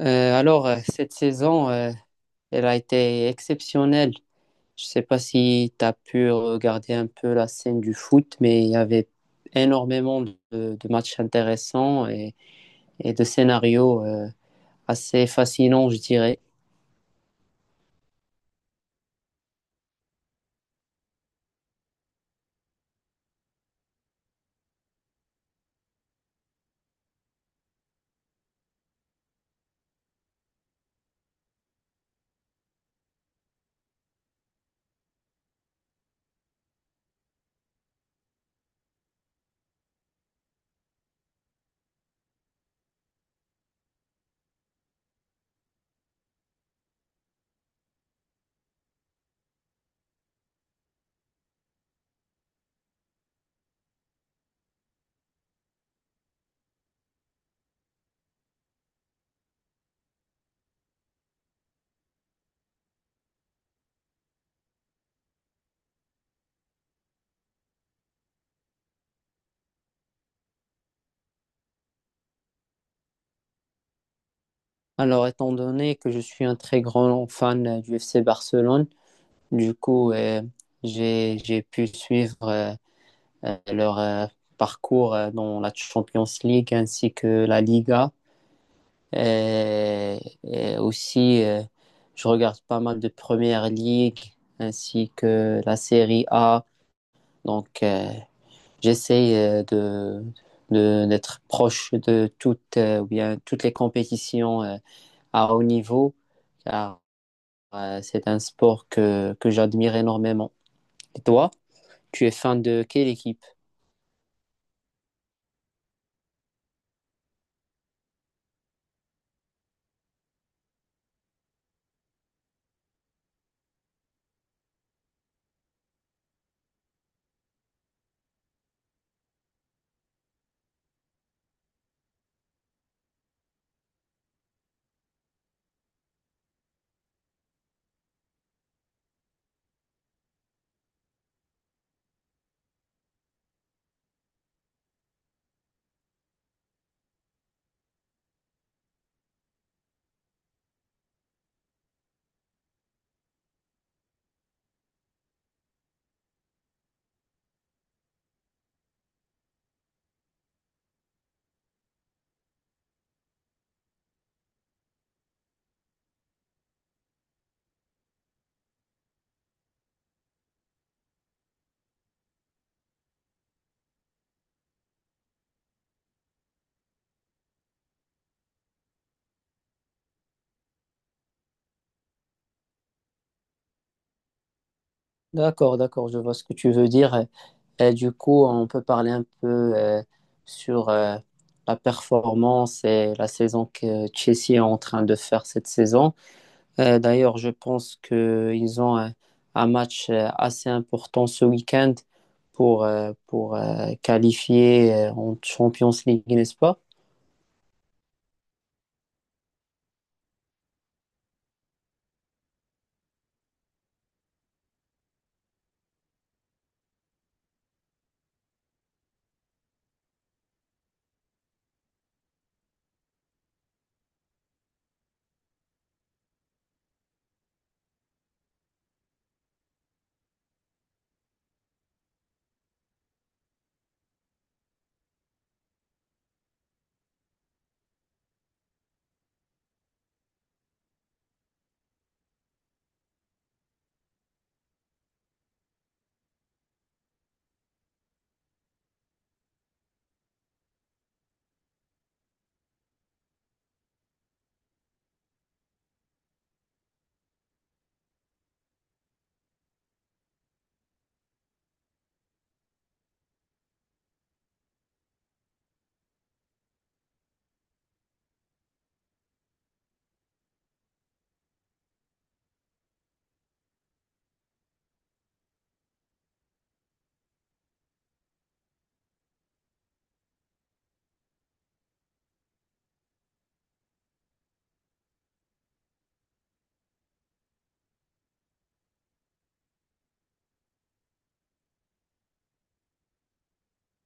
Cette saison, elle a été exceptionnelle. Je ne sais pas si tu as pu regarder un peu la scène du foot, mais il y avait énormément de matchs intéressants et de scénarios assez fascinants, je dirais. Alors, étant donné que je suis un très grand fan du FC Barcelone, du coup, j'ai pu suivre leur parcours dans la Champions League ainsi que la Liga. Euh, et aussi, je regarde pas mal de Première Ligue ainsi que la Série A. Donc, j'essaie de, d'être proche de toutes, ou bien, toutes les compétitions à haut niveau, car c'est un sport que j'admire énormément. Et toi, tu es fan de quelle équipe? D'accord, d'accord, je vois ce que tu veux dire. Et du coup, on peut parler un peu sur la performance et la saison que Chelsea est en train de faire cette saison. D'ailleurs, je pense qu'ils ont un match assez important ce week-end pour qualifier en Champions League, n'est-ce pas?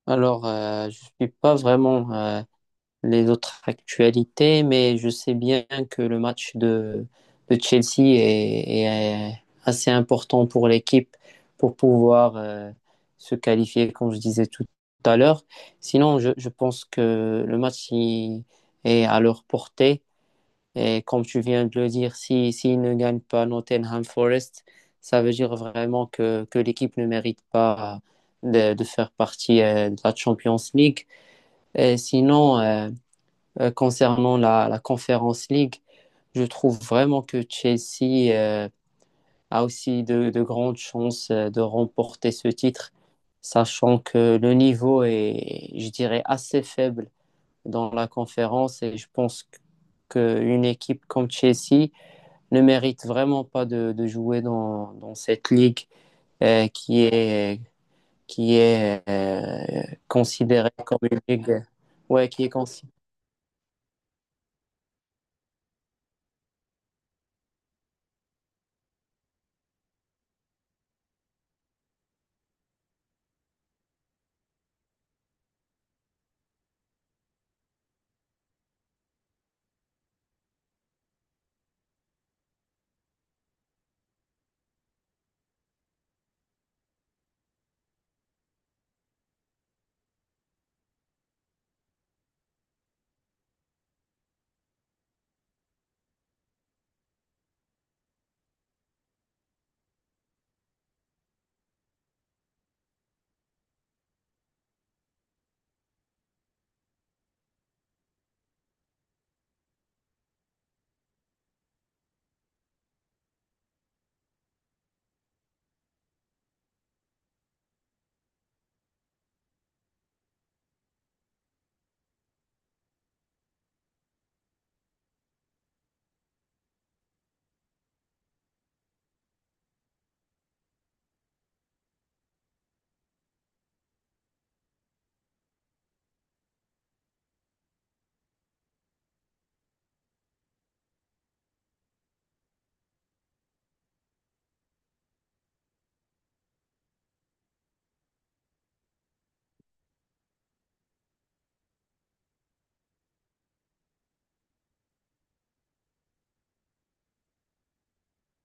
Alors, je ne suis pas vraiment les autres actualités, mais je sais bien que le match de Chelsea est, est assez important pour l'équipe pour pouvoir se qualifier, comme je disais tout à l'heure. Sinon, je pense que le match il est à leur portée. Et comme tu viens de le dire, si, s'ils ne gagnent pas Nottingham Forest, ça veut dire vraiment que l'équipe ne mérite pas de faire partie de la Champions League. Et sinon, concernant la Conference League, je trouve vraiment que Chelsea a aussi de grandes chances de remporter ce titre, sachant que le niveau est, je dirais, assez faible dans la conférence et je pense qu'une équipe comme Chelsea ne mérite vraiment pas de jouer dans cette ligue euh, qui est, qui est considérée comme une ligue, ouais, qui est considérée.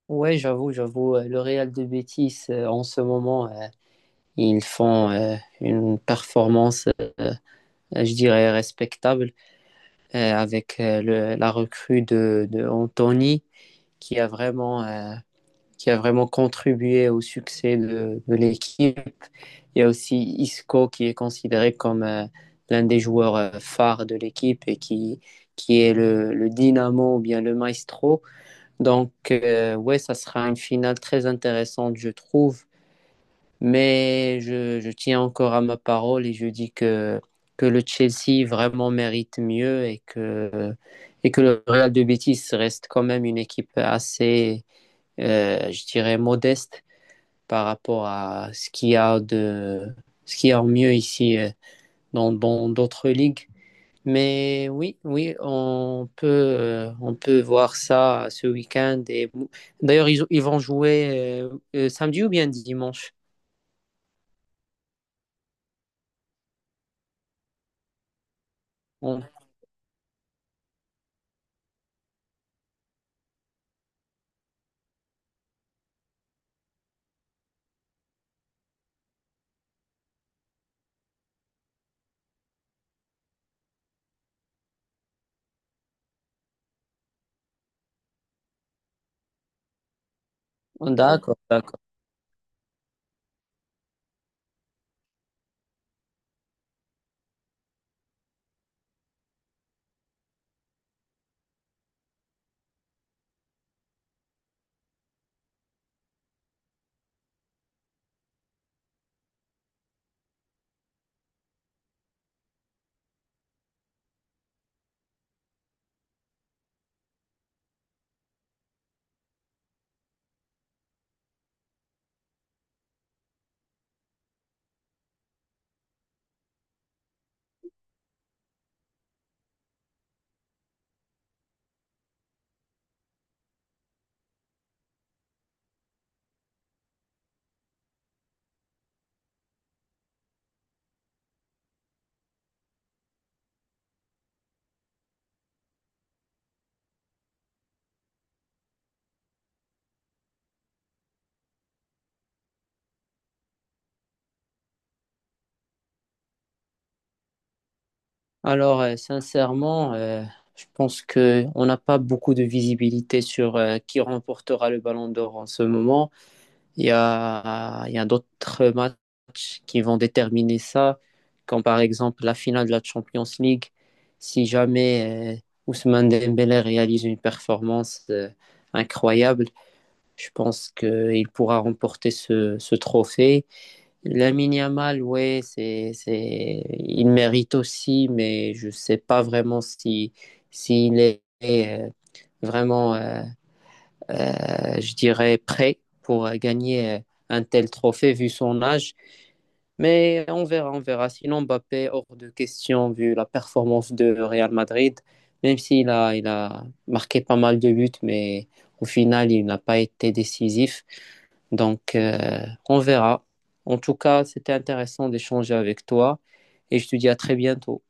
Ouais, j'avoue, j'avoue, le Real de Betis, en ce moment, ils font une performance, je dirais, respectable avec la recrue de Anthony qui a vraiment, euh, qui a vraiment contribué au succès de l'équipe. Il y a aussi Isco qui est considéré comme l'un des joueurs phares de l'équipe et qui est le dynamo ou bien le maestro. Donc, ouais, ça sera une finale très intéressante, je trouve. Mais je tiens encore à ma parole et je dis que le Chelsea vraiment mérite mieux et que le Real de Betis reste quand même une équipe assez, je dirais, modeste par rapport à ce qu'il y a de, ce qu'il y a en mieux ici dans dans d'autres ligues. Mais oui, oui, on peut voir ça ce week-end. Et... D'ailleurs, ils vont jouer samedi ou bien dimanche? On- D'accord, d'accord. Alors, sincèrement, je pense que on n'a pas beaucoup de visibilité sur qui remportera le Ballon d'Or en ce moment. Il y a d'autres matchs qui vont déterminer ça, comme par exemple la finale de la Champions League. Si jamais Ousmane Dembélé réalise une performance incroyable, je pense qu'il pourra remporter ce trophée. Lamine Yamal, ouais, c'est, il mérite aussi, mais je ne sais pas vraiment si, s'il est vraiment je dirais, prêt pour gagner un tel trophée vu son âge. Mais on verra, on verra. Sinon, Mbappé, hors de question vu la performance de Real Madrid, même s'il a, il a marqué pas mal de buts, mais au final, il n'a pas été décisif. Donc, on verra. En tout cas, c'était intéressant d'échanger avec toi et je te dis à très bientôt.